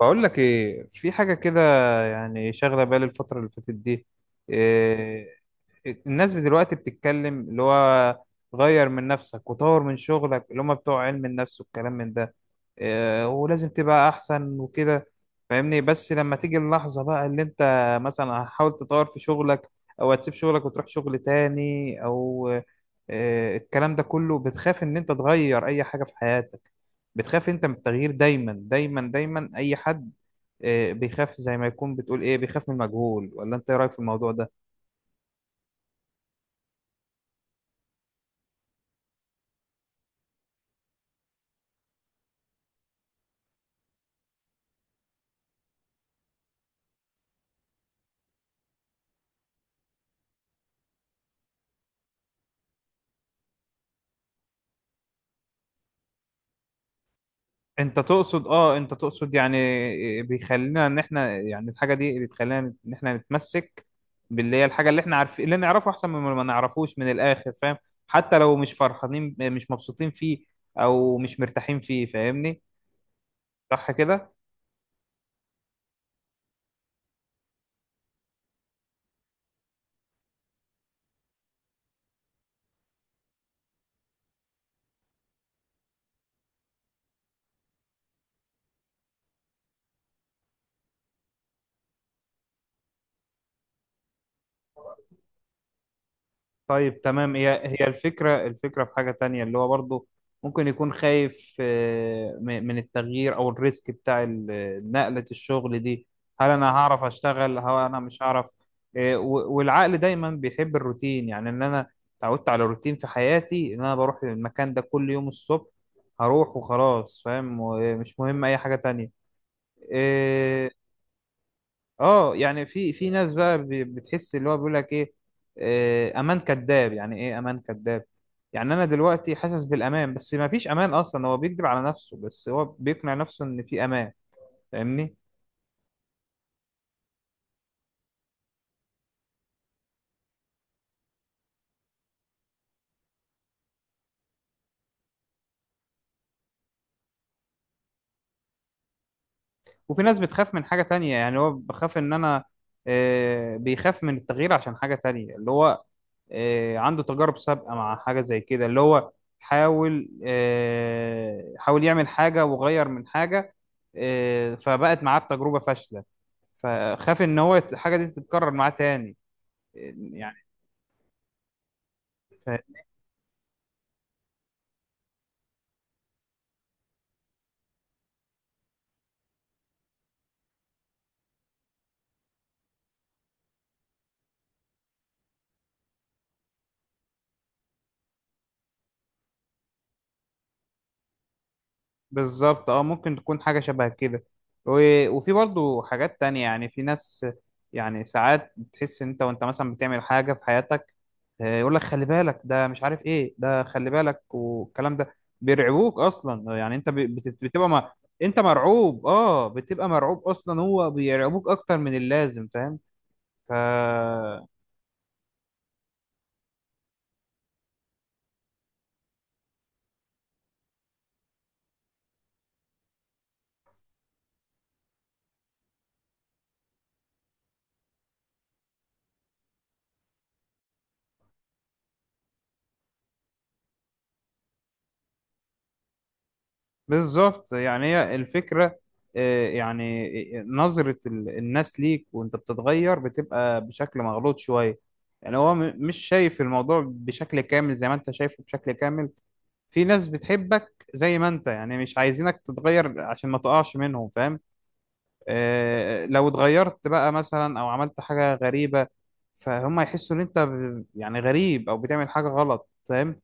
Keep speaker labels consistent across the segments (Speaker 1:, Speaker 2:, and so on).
Speaker 1: بقول لك ايه، في حاجه كده يعني شاغله بالي الفتره اللي فاتت دي. إيه، الناس دلوقتي بتتكلم اللي هو غير من نفسك وطور من شغلك، اللي هم بتوع علم النفس والكلام من ده. ولازم تبقى احسن وكده، فاهمني؟ بس لما تيجي اللحظة بقى اللي انت مثلا هتحاول تطور في شغلك او هتسيب شغلك وتروح شغل تاني او الكلام ده كله، بتخاف ان انت تغير اي حاجة في حياتك؟ بتخاف انت من التغيير دايما دايما دايما؟ اي حد بيخاف، زي ما يكون بتقول ايه، بيخاف من المجهول، ولا انت ايه رأيك في الموضوع ده؟ انت تقصد اه انت تقصد يعني بيخلينا ان احنا، يعني الحاجه دي بتخلينا ان احنا نتمسك باللي هي الحاجه اللي احنا عارفين، اللي نعرفه احسن من ما نعرفوش، من الاخر فاهم؟ حتى لو مش فرحانين، مش مبسوطين فيه، او مش مرتاحين فيه، فاهمني؟ صح كده. طيب تمام، هي الفكرة، الفكرة في حاجة تانية اللي هو برضه ممكن يكون خايف، من التغيير أو الريسك بتاع نقلة الشغل دي. هل أنا هعرف أشتغل، هل أنا مش هعرف؟ والعقل دايما بيحب الروتين، يعني إن أنا اتعودت على روتين في حياتي، إن أنا بروح المكان ده كل يوم الصبح، هروح وخلاص، فاهم؟ ومش مهم أي حاجة تانية. آه، اه يعني في ناس بقى بتحس اللي هو بيقول لك ايه امان كذاب. يعني ايه امان كذاب؟ يعني انا دلوقتي حاسس بالامان بس ما فيش امان اصلا، هو بيكذب على نفسه، بس هو بيقنع نفسه ان في امان، فاهمني؟ وفي ناس بتخاف من حاجة تانية، يعني هو بخاف ان انا بيخاف من التغيير عشان حاجة تانية اللي هو عنده تجارب سابقة مع حاجة زي كده، اللي هو حاول، حاول يعمل حاجة وغير من حاجة، فبقت معاه بتجربة فاشلة، فخاف ان هو الحاجة دي تتكرر معاه تاني. يعني بالظبط اه، ممكن تكون حاجة شبه كده. و... وفي برضو حاجات تانية يعني، في ناس يعني ساعات بتحس انت وانت مثلا بتعمل حاجة في حياتك، يقول لك خلي بالك، ده مش عارف ايه، ده خلي بالك، والكلام ده بيرعبوك اصلا. يعني انت بتبقى ما... انت مرعوب، اه بتبقى مرعوب اصلا، هو بيرعبوك اكتر من اللازم، فاهم؟ ف بالظبط، يعني هي الفكرة. يعني نظرة الناس ليك وانت بتتغير بتبقى بشكل مغلوط شوية. يعني هو مش شايف الموضوع بشكل كامل زي ما انت شايفه بشكل كامل. في ناس بتحبك زي ما انت، يعني مش عايزينك تتغير عشان ما تقعش منهم، فاهم؟ لو اتغيرت بقى مثلا او عملت حاجة غريبة، فهم يحسوا ان انت يعني غريب، او بتعمل حاجة غلط، فاهم؟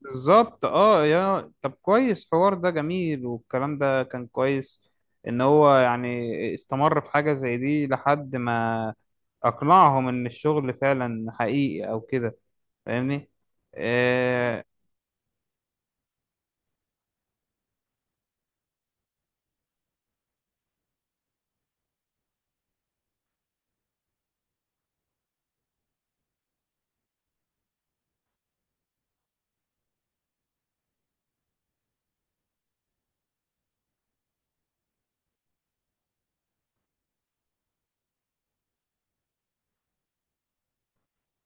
Speaker 1: بالظبط، اه يا طب كويس، حوار ده جميل، والكلام ده كان كويس. ان هو يعني استمر في حاجة زي دي لحد ما اقنعهم ان الشغل فعلا حقيقي او كده، فاهمني؟ آه.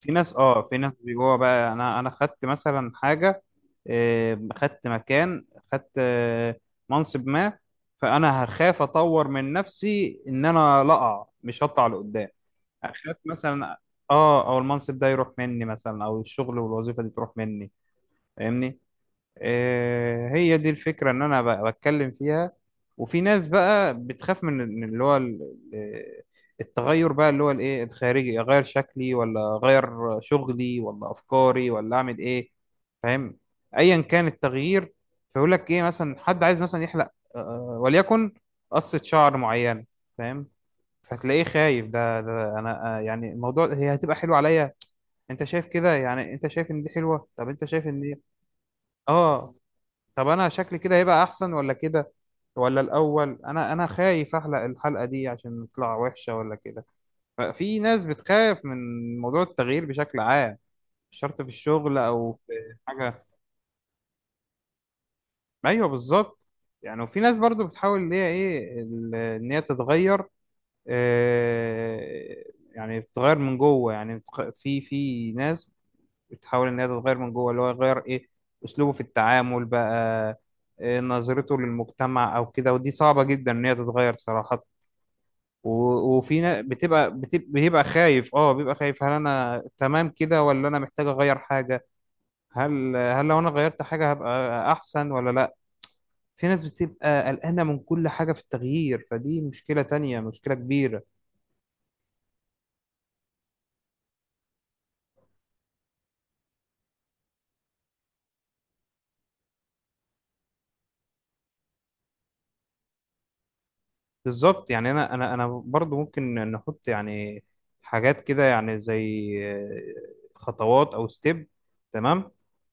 Speaker 1: في ناس، اه في ناس جوه بقى، انا خدت مثلا حاجة، آه خدت مكان، خدت آه منصب ما، فانا هخاف اطور من نفسي ان انا لا اقع، مش هطلع لقدام. اخاف مثلا، اه او المنصب ده يروح مني مثلا، او الشغل والوظيفه دي تروح مني، فاهمني؟ آه، هي دي الفكره ان انا بتكلم فيها. وفي ناس بقى بتخاف من من اللي هو ال- التغير بقى، اللي هو الايه الخارجي، اغير شكلي ولا اغير شغلي ولا افكاري ولا اعمل ايه، فاهم؟ ايا كان التغيير. فيقول لك ايه، مثلا حد عايز مثلا يحلق، آه وليكن قصه شعر معينه، فاهم؟ فتلاقيه خايف، ده انا يعني الموضوع هي هتبقى حلوه عليا؟ انت شايف كده؟ يعني انت شايف ان دي حلوه، طب انت شايف ان دي، اه. طب انا شكلي كده هيبقى احسن ولا كده؟ ولا الاول انا خايف احلق الحلقه دي عشان تطلع وحشه، ولا كده؟ ففي ناس بتخاف من موضوع التغيير بشكل عام، مش شرط في الشغل او في حاجه. ايوه بالظبط، يعني وفي ناس برضو بتحاول ان هي ايه ان هي تتغير، آه، يعني بتتغير من جوه. يعني في في ناس بتحاول ان هي تتغير من جوه، اللي هو يغير ايه، اسلوبه في التعامل بقى، إيه نظرته للمجتمع او كده، ودي صعبة جدا ان هي تتغير صراحة. وفي ناس بتبقى بيبقى خايف، اه بيبقى خايف، هل انا تمام كده ولا انا محتاج اغير حاجة؟ هل لو انا غيرت حاجة هبقى احسن ولا لا؟ في ناس بتبقى قلقانة من كل حاجة في التغيير، فدي مشكلة تانية، مشكلة كبيرة. بالظبط، يعني انا برضو ممكن نحط يعني حاجات كده يعني، زي خطوات او ستيب، تمام،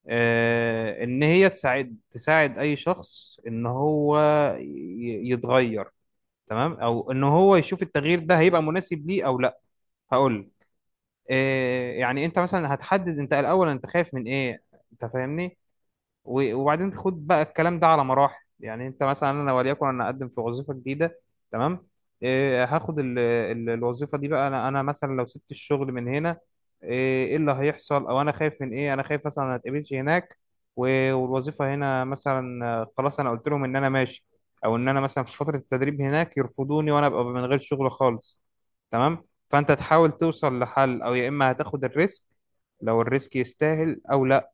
Speaker 1: آه ان هي تساعد تساعد اي شخص ان هو يتغير، تمام، او ان هو يشوف التغيير ده هيبقى مناسب ليه او لا. هقول، آه يعني انت مثلا هتحدد انت الاول انت خايف من ايه، انت فاهمني؟ وبعدين خد بقى الكلام ده على مراحل. يعني انت مثلا انا وليكن انا اقدم في وظيفه جديده، تمام، إيه هاخد ال الوظيفه دي بقى، انا انا مثلا لو سبت الشغل من هنا، ايه اللي هيحصل، او انا خايف من ايه؟ انا خايف مثلا ما اتقبلش هناك، والوظيفه هنا مثلا خلاص انا قلت لهم ان انا ماشي، او ان انا مثلا في فتره التدريب هناك يرفضوني، وانا ابقى من غير شغل خالص. تمام، فانت تحاول توصل لحل، او يا اما هتاخد الريسك لو الريسك يستاهل او لا.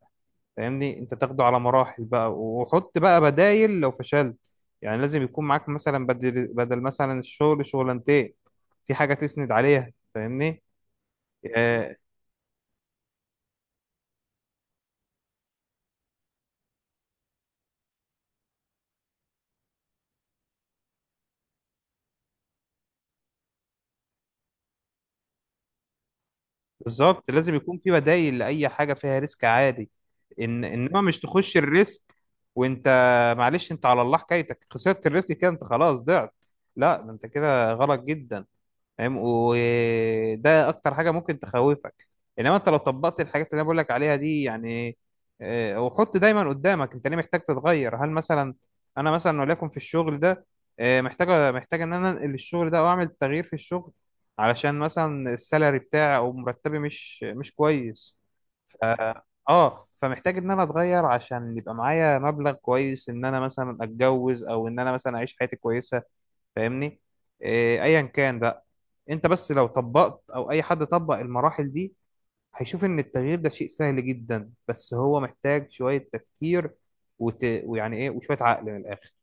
Speaker 1: فاهمني؟ انت تاخده على مراحل بقى، وحط بقى بدايل لو فشلت. يعني لازم يكون معاك مثلا بدل مثلا الشغل شغلانتين، في حاجة تسند عليها، فاهمني؟ آه. بالظبط، لازم يكون في بدايل لأي حاجة فيها ريسك عالي. إن إنما مش تخش الريسك وأنت، معلش أنت على الله حكايتك، خسرت الريسك كده، أنت خلاص ضعت، لا ده أنت كده غلط جدا، فاهم؟ وده اكتر حاجه ممكن تخوفك. انما انت لو طبقت الحاجات اللي انا بقول لك عليها دي، يعني وحط دايما قدامك انت ليه محتاج تتغير. هل مثلا انا مثلا وليكن في الشغل ده، محتاج ان انا انقل الشغل ده او اعمل تغيير في الشغل، علشان مثلا السالري بتاعي او مرتبي مش كويس؟ ف... اه فمحتاج ان انا اتغير، عشان يبقى معايا مبلغ كويس ان انا مثلا اتجوز، او ان انا مثلا اعيش حياتي كويسه، فاهمني؟ إيه، ايا كان بقى. انت بس لو طبقت، او اي حد طبق المراحل دي، هيشوف ان التغيير ده شيء سهل جدا، بس هو محتاج شوية تفكير، ويعني ايه، وشوية عقل، من الاخر.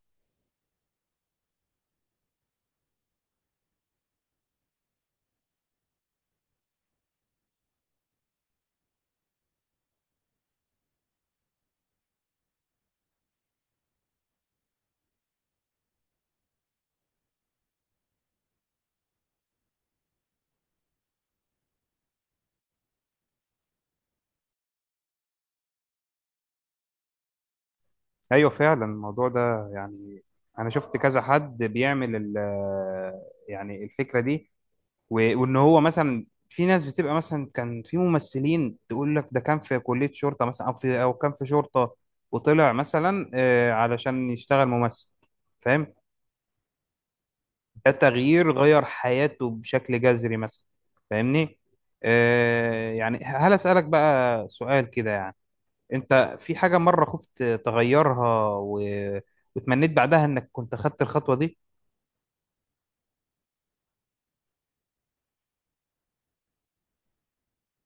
Speaker 1: ايوه فعلا، الموضوع ده يعني انا شفت كذا حد بيعمل يعني الفكرة دي. وان هو مثلا في ناس بتبقى مثلا، كان في ممثلين تقول لك ده كان في كلية شرطة مثلا، او في او كان في شرطة، وطلع مثلا علشان يشتغل ممثل، فاهم؟ ده تغيير غير حياته بشكل جذري مثلا، فاهمني؟ آه. يعني هل أسألك بقى سؤال كده يعني، انت في حاجة مرة خفت تغيرها وتمنيت بعدها انك كنت خدت الخطوة دي؟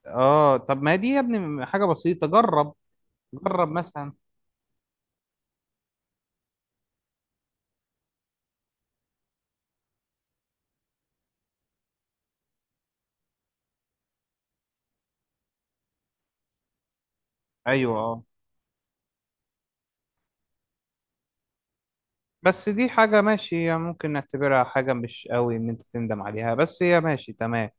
Speaker 1: اه طب ما دي يا ابني حاجة بسيطة، جرب، جرب مثلا. ايوه اه. بس دي حاجة ماشي، يعني ممكن نعتبرها حاجة مش قوي ان انت تندم عليها، بس هي ماشي تمام.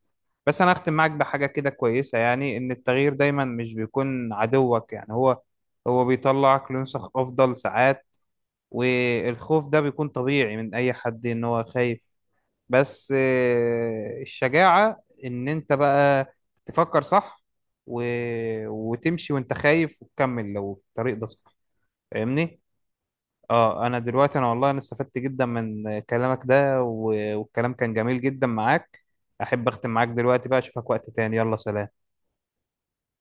Speaker 1: بس انا اختم معاك بحاجه كده كويسه، يعني ان التغيير دايما مش بيكون عدوك، يعني هو هو بيطلعك لنسخ افضل ساعات. والخوف ده بيكون طبيعي من اي حد ان هو خايف، بس الشجاعه ان انت بقى تفكر صح، و... وتمشي وانت خايف، وتكمل لو الطريق ده صح، فاهمني؟ اه انا دلوقتي، انا والله انا استفدت جدا من كلامك ده، والكلام كان جميل جدا معاك. احب اختم معاك دلوقتي بقى، اشوفك وقت تاني، يلا سلام.